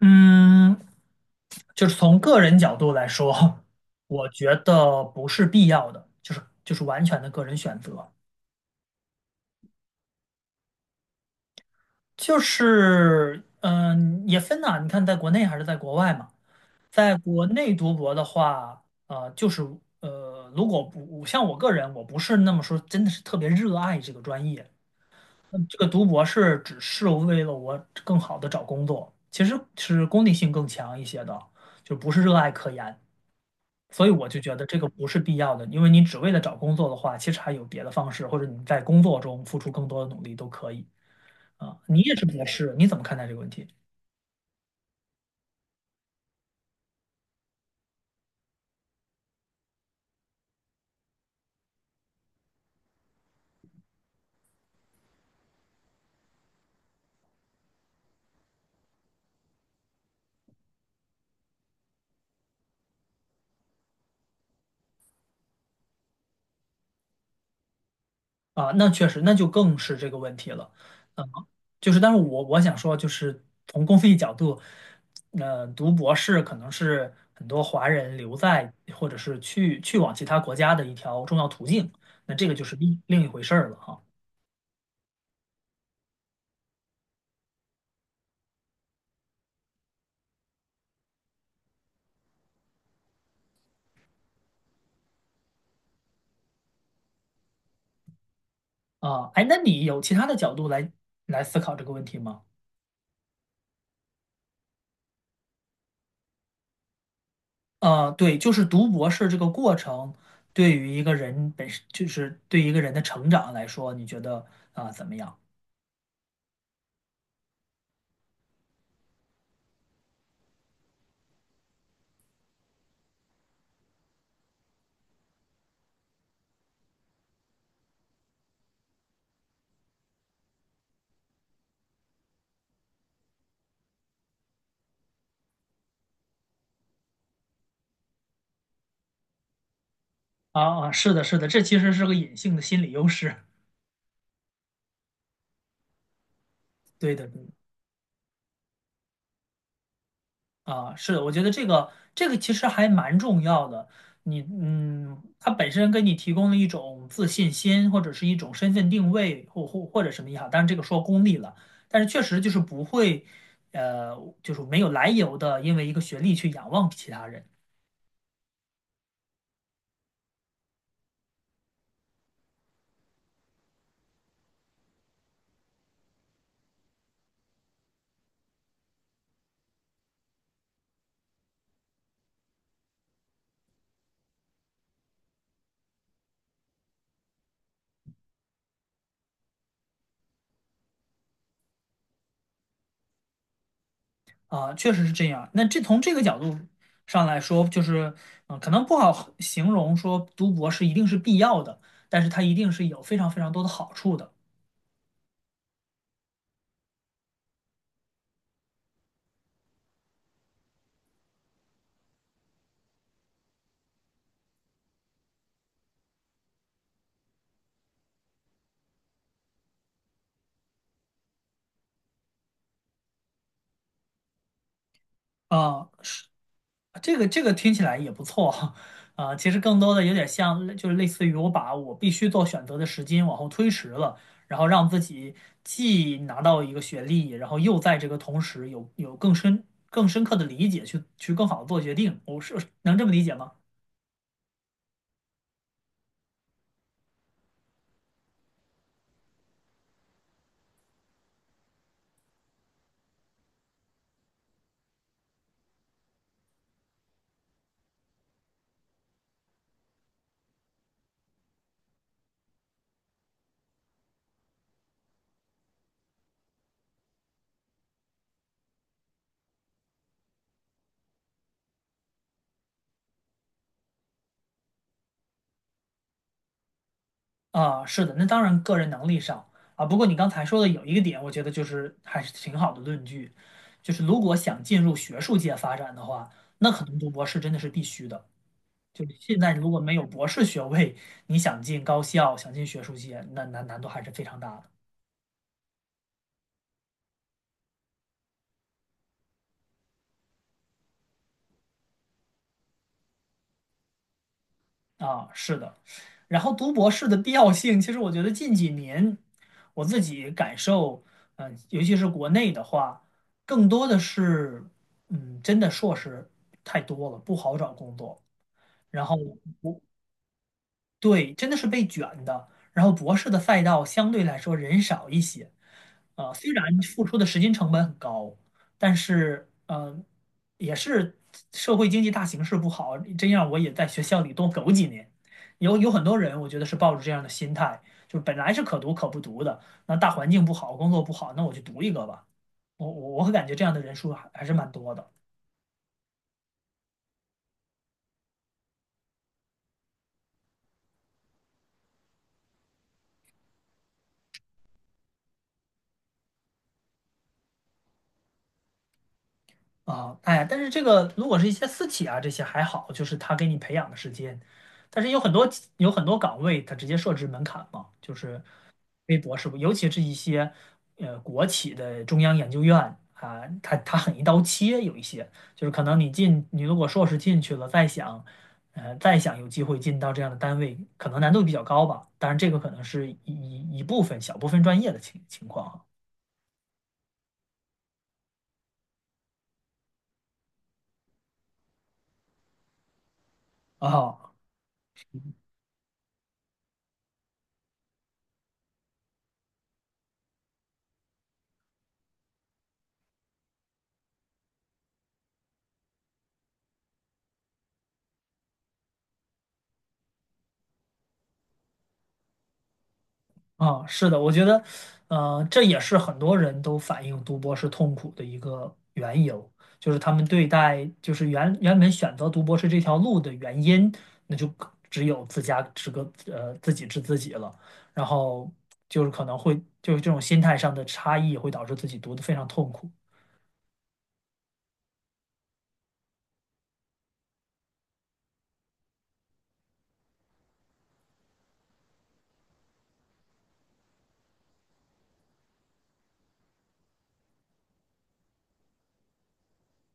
嗯，就是从个人角度来说，我觉得不是必要的，就是完全的个人选择。就是也分呐、你看在国内还是在国外嘛。在国内读博的话，就是如果不像我个人，我不是那么说，真的是特别热爱这个专业。这个读博是只是为了我更好的找工作，其实是功利性更强一些的，就不是热爱科研。所以我就觉得这个不是必要的，因为你只为了找工作的话，其实还有别的方式，或者你在工作中付出更多的努力都可以啊。你也是博士，你怎么看待这个问题啊？那确实，那就更是这个问题了。嗯，就是，但是我想说，就是从公益角度，读博士可能是很多华人留在或者是去往其他国家的一条重要途径，那这个就是另一回事儿了哈。啊，哎，那你有其他的角度来思考这个问题吗？对，就是读博士这个过程，对于一个人本身，就是对一个人的成长来说，你觉得啊、怎么样？啊啊，是的，是的，这其实是个隐性的心理优势。对的，对的啊，是的，我觉得这个其实还蛮重要的。你它本身给你提供了一种自信心，或者是一种身份定位，或者什么也好。当然，这个说功利了，但是确实就是不会，呃，就是没有来由的，因为一个学历去仰望其他人。啊，确实是这样。那这从这个角度上来说，就是，可能不好形容说读博士一定是必要的，但是它一定是有非常非常多的好处的。啊，是这个听起来也不错哈。啊，其实更多的有点像，就是类似于我把我必须做选择的时间往后推迟了，然后让自己既拿到一个学历，然后又在这个同时有更深刻的理解去更好的做决定。我是能这么理解吗？啊，是的，那当然个人能力上啊。不过你刚才说的有一个点，我觉得就是还是挺好的论据，就是如果想进入学术界发展的话，那可能读博士真的是必须的。就是现在如果没有博士学位，你想进高校、想进学术界，那难度还是非常大的。啊，是的。然后读博士的必要性，其实我觉得近几年我自己感受，尤其是国内的话，更多的是，真的硕士太多了，不好找工作。然后对，真的是被卷的。然后博士的赛道相对来说人少一些，虽然付出的时间成本很高，但是也是社会经济大形势不好，这样我也在学校里多苟几年。有很多人，我觉得是抱着这样的心态，就是本来是可读可不读的，那大环境不好，工作不好，那我就读一个吧。我感觉这样的人数还是蛮多的。啊，哎但是这个如果是一些私企啊，这些还好，就是他给你培养的时间，但是有很多岗位，他直接设置门槛嘛，就是微博是不，尤其是一些国企的中央研究院啊，他很一刀切，有一些就是可能你进，你如果硕士进去了，再想再想有机会进到这样的单位，可能难度比较高吧，当然这个可能是一部分小部分专业的情况。啊啊啊，是的，我觉得，这也是很多人都反映读博是痛苦的一个缘由，就是他们对待，就是原本选择读博士这条路的原因，那就可只有自己知自己了，然后就是可能会就是这种心态上的差异会导致自己读的非常痛苦。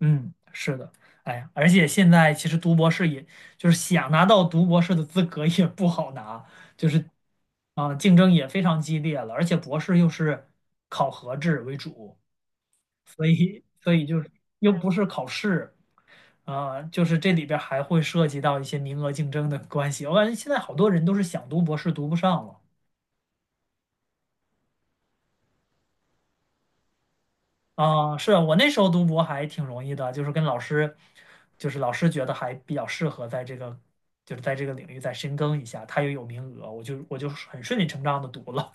嗯，是的，哎呀，而且现在其实读博士也，就是想拿到读博士的资格也不好拿，就是啊，竞争也非常激烈了，而且博士又是考核制为主，所以就是又不是考试，啊，就是这里边儿还会涉及到一些名额竞争的关系。我感觉现在好多人都是想读博士读不上了。啊，是我那时候读博还挺容易的，就是跟老师，就是老师觉得还比较适合在这个，就是在这个领域再深耕一下，他也有名额，我就很顺理成章的读了。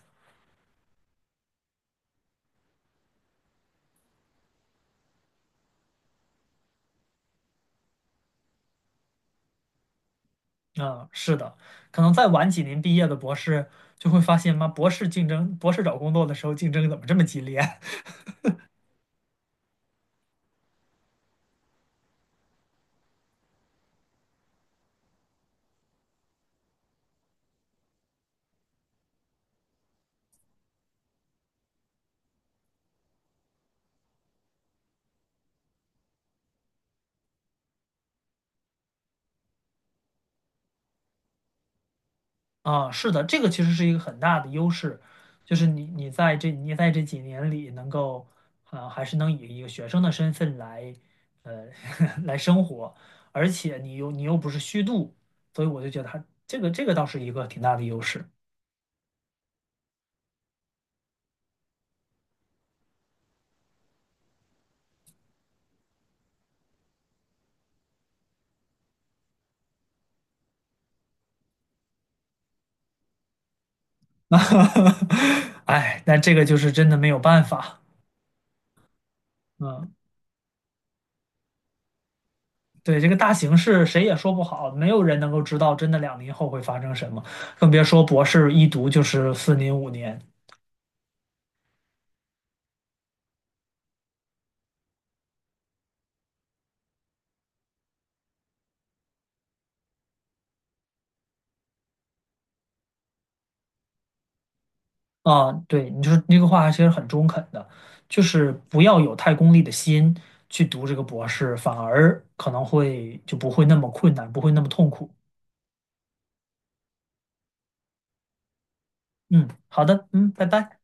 嗯，是的，可能再晚几年毕业的博士就会发现，妈，博士竞争，博士找工作的时候竞争怎么这么激烈？啊，是的，这个其实是一个很大的优势，就是你在这几年里能够，啊，还是能以一个学生的身份来，呃，来生活，而且你又不是虚度，所以我就觉得他这个倒是一个挺大的优势。哎，但这个就是真的没有办法。嗯，对，这个大形势谁也说不好，没有人能够知道真的2年后会发生什么，更别说博士一读就是4年5年。啊，对，你就是那个话其实很中肯的，就是不要有太功利的心去读这个博士，反而可能会就不会那么困难，不会那么痛苦。嗯，好的，嗯，拜拜。